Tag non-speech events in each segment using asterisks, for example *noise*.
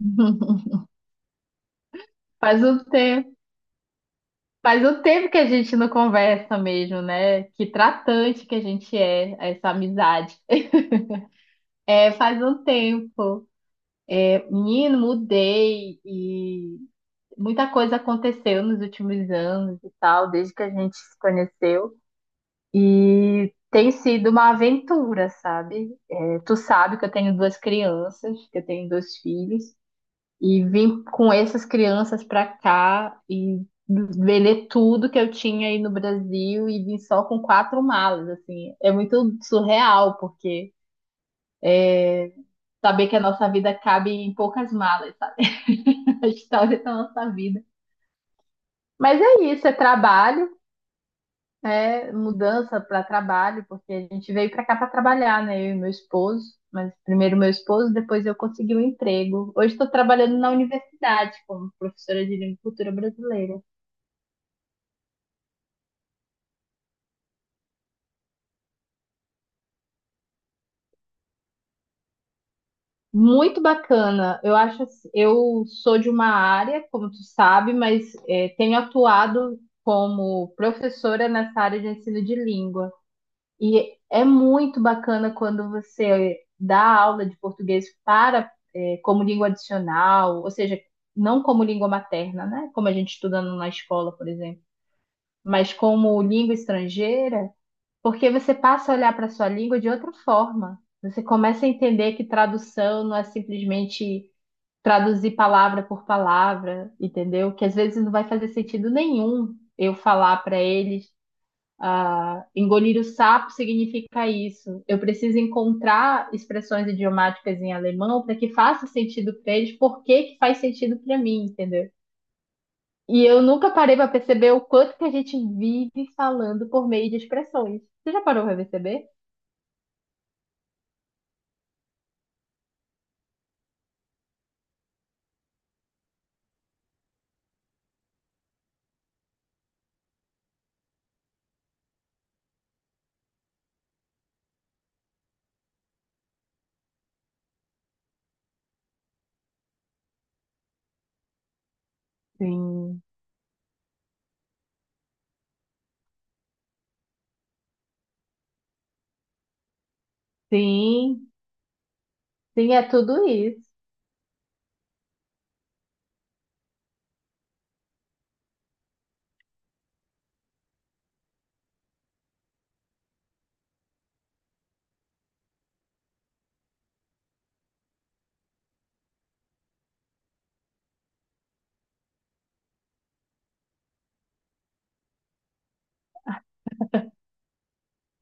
*laughs* Faz um tempo, faz um tempo que a gente não conversa mesmo, né? Que tratante que a gente é, essa amizade. É, faz um tempo. É, menino, mudei e muita coisa aconteceu nos últimos anos e tal, desde que a gente se conheceu. E tem sido uma aventura, sabe? É, tu sabe que eu tenho duas crianças, que eu tenho dois filhos. E vim com essas crianças para cá e vender tudo que eu tinha aí no Brasil e vim só com quatro malas, assim. É muito surreal, porque saber que a nossa vida cabe em poucas malas, sabe? *laughs* A história da nossa vida. Mas é isso, é trabalho, é mudança para trabalho, porque a gente veio para cá para trabalhar, né? Eu e meu esposo, mas primeiro meu esposo, depois eu consegui um emprego. Hoje estou trabalhando na universidade como professora de língua e cultura brasileira. Muito bacana. Eu acho, assim- eu sou de uma área, como tu sabe, mas tenho atuado como professora nessa área de ensino de língua. E é muito bacana quando você dá aula de português para como língua adicional, ou seja, não como língua materna, né? Como a gente estuda na escola, por exemplo, mas como língua estrangeira, porque você passa a olhar para a sua língua de outra forma. Você começa a entender que tradução não é simplesmente traduzir palavra por palavra, entendeu? Que às vezes não vai fazer sentido nenhum eu falar para eles, ah, engolir o sapo significa isso. Eu preciso encontrar expressões idiomáticas em alemão para que faça sentido para eles, por que que faz sentido para mim, entendeu? E eu nunca parei para perceber o quanto que a gente vive falando por meio de expressões. Você já parou para perceber? Sim, sim, sim, é tudo isso.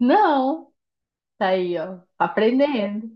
Não, tá aí, ó, tá aprendendo.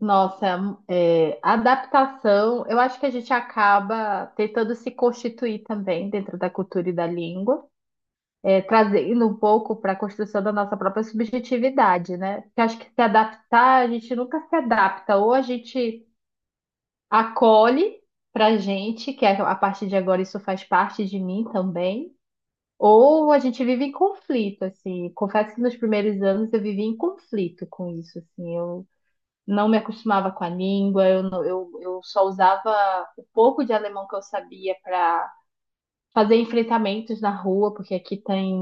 Nossa, é, adaptação, eu acho que a gente acaba tentando se constituir também dentro da cultura e da língua, trazendo um pouco para a construção da nossa própria subjetividade, né? Porque eu acho que se adaptar, a gente nunca se adapta, ou a gente acolhe para gente, que a partir de agora isso faz parte de mim também, ou a gente vive em conflito, assim. Confesso que nos primeiros anos eu vivi em conflito com isso, assim. Eu não me acostumava com a língua, eu, não- eu só usava o pouco de alemão que eu sabia para fazer enfrentamentos na rua, porque aqui tem.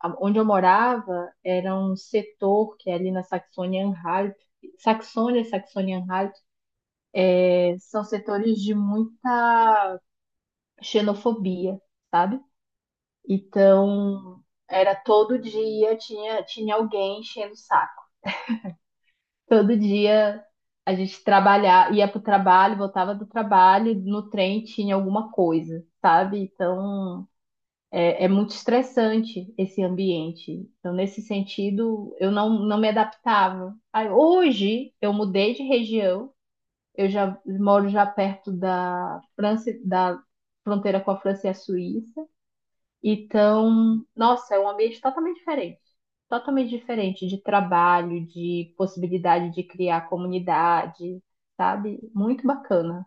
Onde eu morava era um setor que é ali na Saxônia-Anhalt. Saxônia, Saxônia-Anhalt, são setores de muita xenofobia, sabe? Então, era todo dia tinha, tinha alguém enchendo o saco. Todo dia a gente trabalhar, ia pro trabalho, voltava do trabalho, no trem tinha alguma coisa, sabe? Então é muito estressante esse ambiente. Então, nesse sentido, eu não, não me adaptava. Aí, hoje eu mudei de região, eu já moro já perto da França, da fronteira com a França e a Suíça. Então, nossa, é um ambiente totalmente diferente. Totalmente diferente de trabalho, de possibilidade de criar comunidade, sabe? Muito bacana.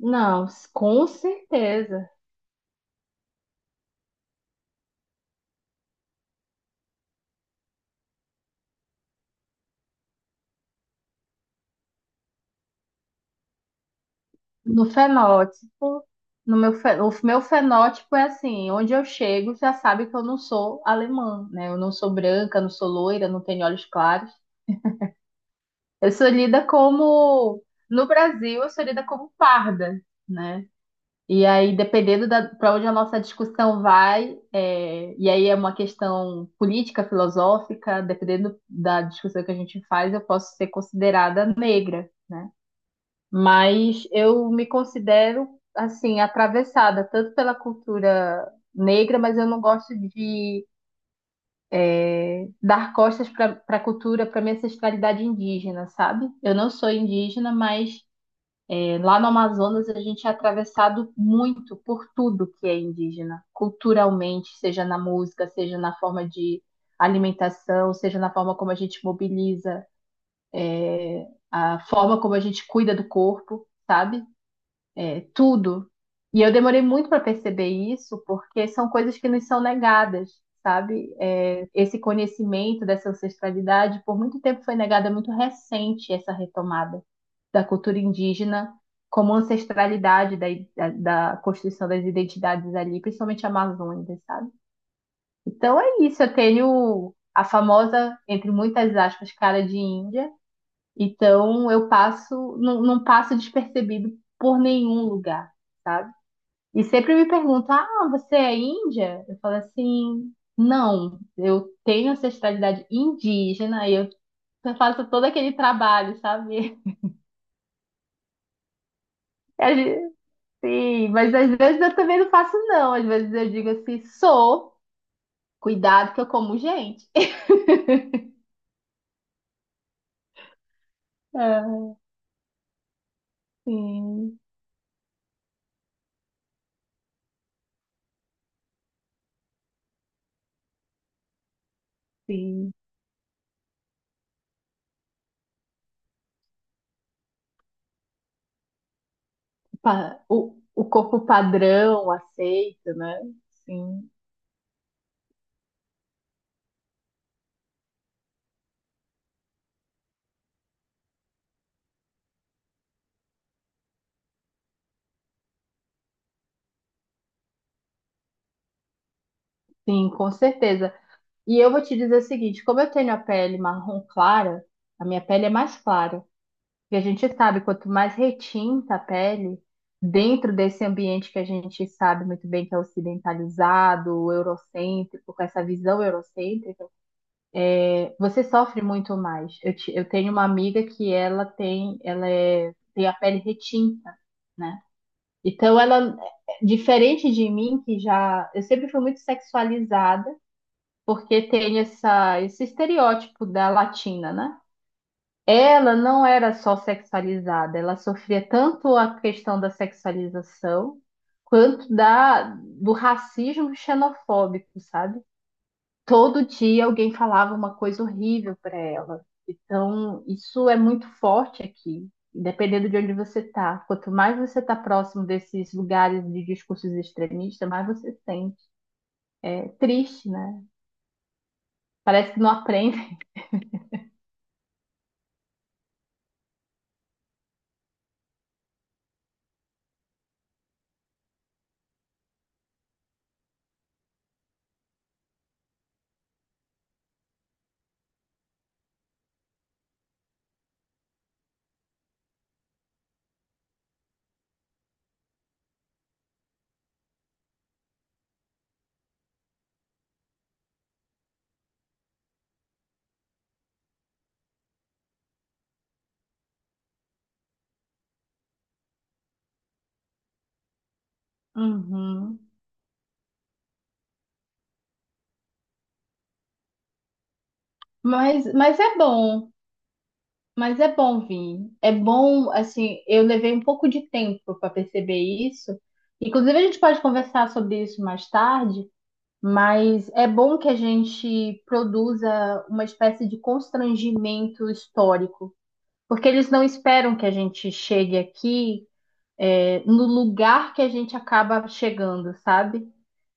Não, com certeza. No fenótipo, no meu, fe- o meu fenótipo é assim, onde eu chego já sabe que eu não sou alemã, né? Eu não sou branca, não sou loira, não tenho olhos claros. Eu sou lida como, no Brasil, eu sou lida como parda, né? E aí, dependendo para onde a nossa discussão vai, e aí é uma questão política, filosófica, dependendo da discussão que a gente faz, eu posso ser considerada negra, né? Mas eu me considero, assim, atravessada tanto pela cultura negra, mas eu não gosto de dar costas para a cultura, para minha ancestralidade indígena, sabe? Eu não sou indígena, mas lá no Amazonas, a gente é atravessado muito por tudo que é indígena, culturalmente, seja na música, seja na forma de alimentação, seja na forma como a gente mobiliza, a forma como a gente cuida do corpo, sabe? É, tudo. E eu demorei muito para perceber isso, porque são coisas que nos são negadas, sabe? É, esse conhecimento dessa ancestralidade, por muito tempo foi negada, é muito recente essa retomada da cultura indígena como ancestralidade da construção das identidades ali, principalmente amazônicas, sabe? Então é isso, eu tenho a famosa, entre muitas aspas, cara de Índia, então eu passo, não, não passo despercebido por nenhum lugar, sabe? E sempre me perguntam: Ah, você é índia? Eu falo assim: Não, eu tenho ancestralidade indígena e eu faço todo aquele trabalho, sabe? *laughs* A gente- Sim, mas às vezes eu também não faço, não. Às vezes eu digo assim: Sou, cuidado que eu como gente. *laughs* Ah, sim, sim. O corpo padrão aceita, né? Sim, sim, com certeza. E eu vou te dizer o seguinte: como eu tenho a pele marrom clara, a minha pele é mais clara. E a gente sabe, quanto mais retinta a pele, dentro desse ambiente que a gente sabe muito bem que é ocidentalizado, eurocêntrico, com essa visão eurocêntrica, você sofre muito mais. Eu tenho uma amiga que ela tem, tem a pele retinta, né? Então ela, diferente de mim, que já, eu sempre fui muito sexualizada, porque tem essa, esse estereótipo da latina, né? Ela não era só sexualizada, ela sofria tanto a questão da sexualização quanto da do racismo xenofóbico, sabe? Todo dia alguém falava uma coisa horrível para ela. Então, isso é muito forte aqui, dependendo de onde você está. Quanto mais você está próximo desses lugares de discursos extremistas, mais você sente. É triste, né? Parece que não aprende. Uhum. Mas é bom. Mas é bom vir. É bom, assim, eu levei um pouco de tempo para perceber isso. Inclusive, a gente pode conversar sobre isso mais tarde, mas é bom que a gente produza uma espécie de constrangimento histórico, porque eles não esperam que a gente chegue aqui, no lugar que a gente acaba chegando, sabe?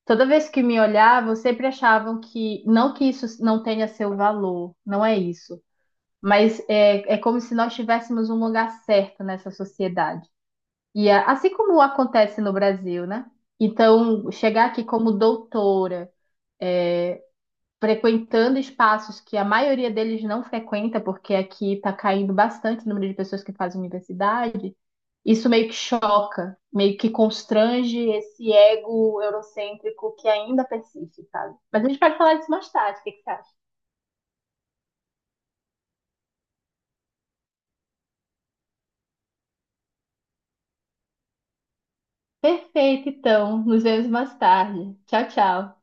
Toda vez que me olhavam, sempre achavam que, não que isso não tenha seu valor, não é isso, mas é como se nós tivéssemos um lugar certo nessa sociedade. Assim como acontece no Brasil, né? Então, chegar aqui como doutora, frequentando espaços que a maioria deles não frequenta, porque aqui está caindo bastante o número de pessoas que fazem universidade, isso meio que choca, meio que constrange esse ego eurocêntrico que ainda persiste, sabe? Mas a gente pode falar disso mais tarde, o que que você acha? Perfeito, então, nos vemos mais tarde. Tchau, tchau.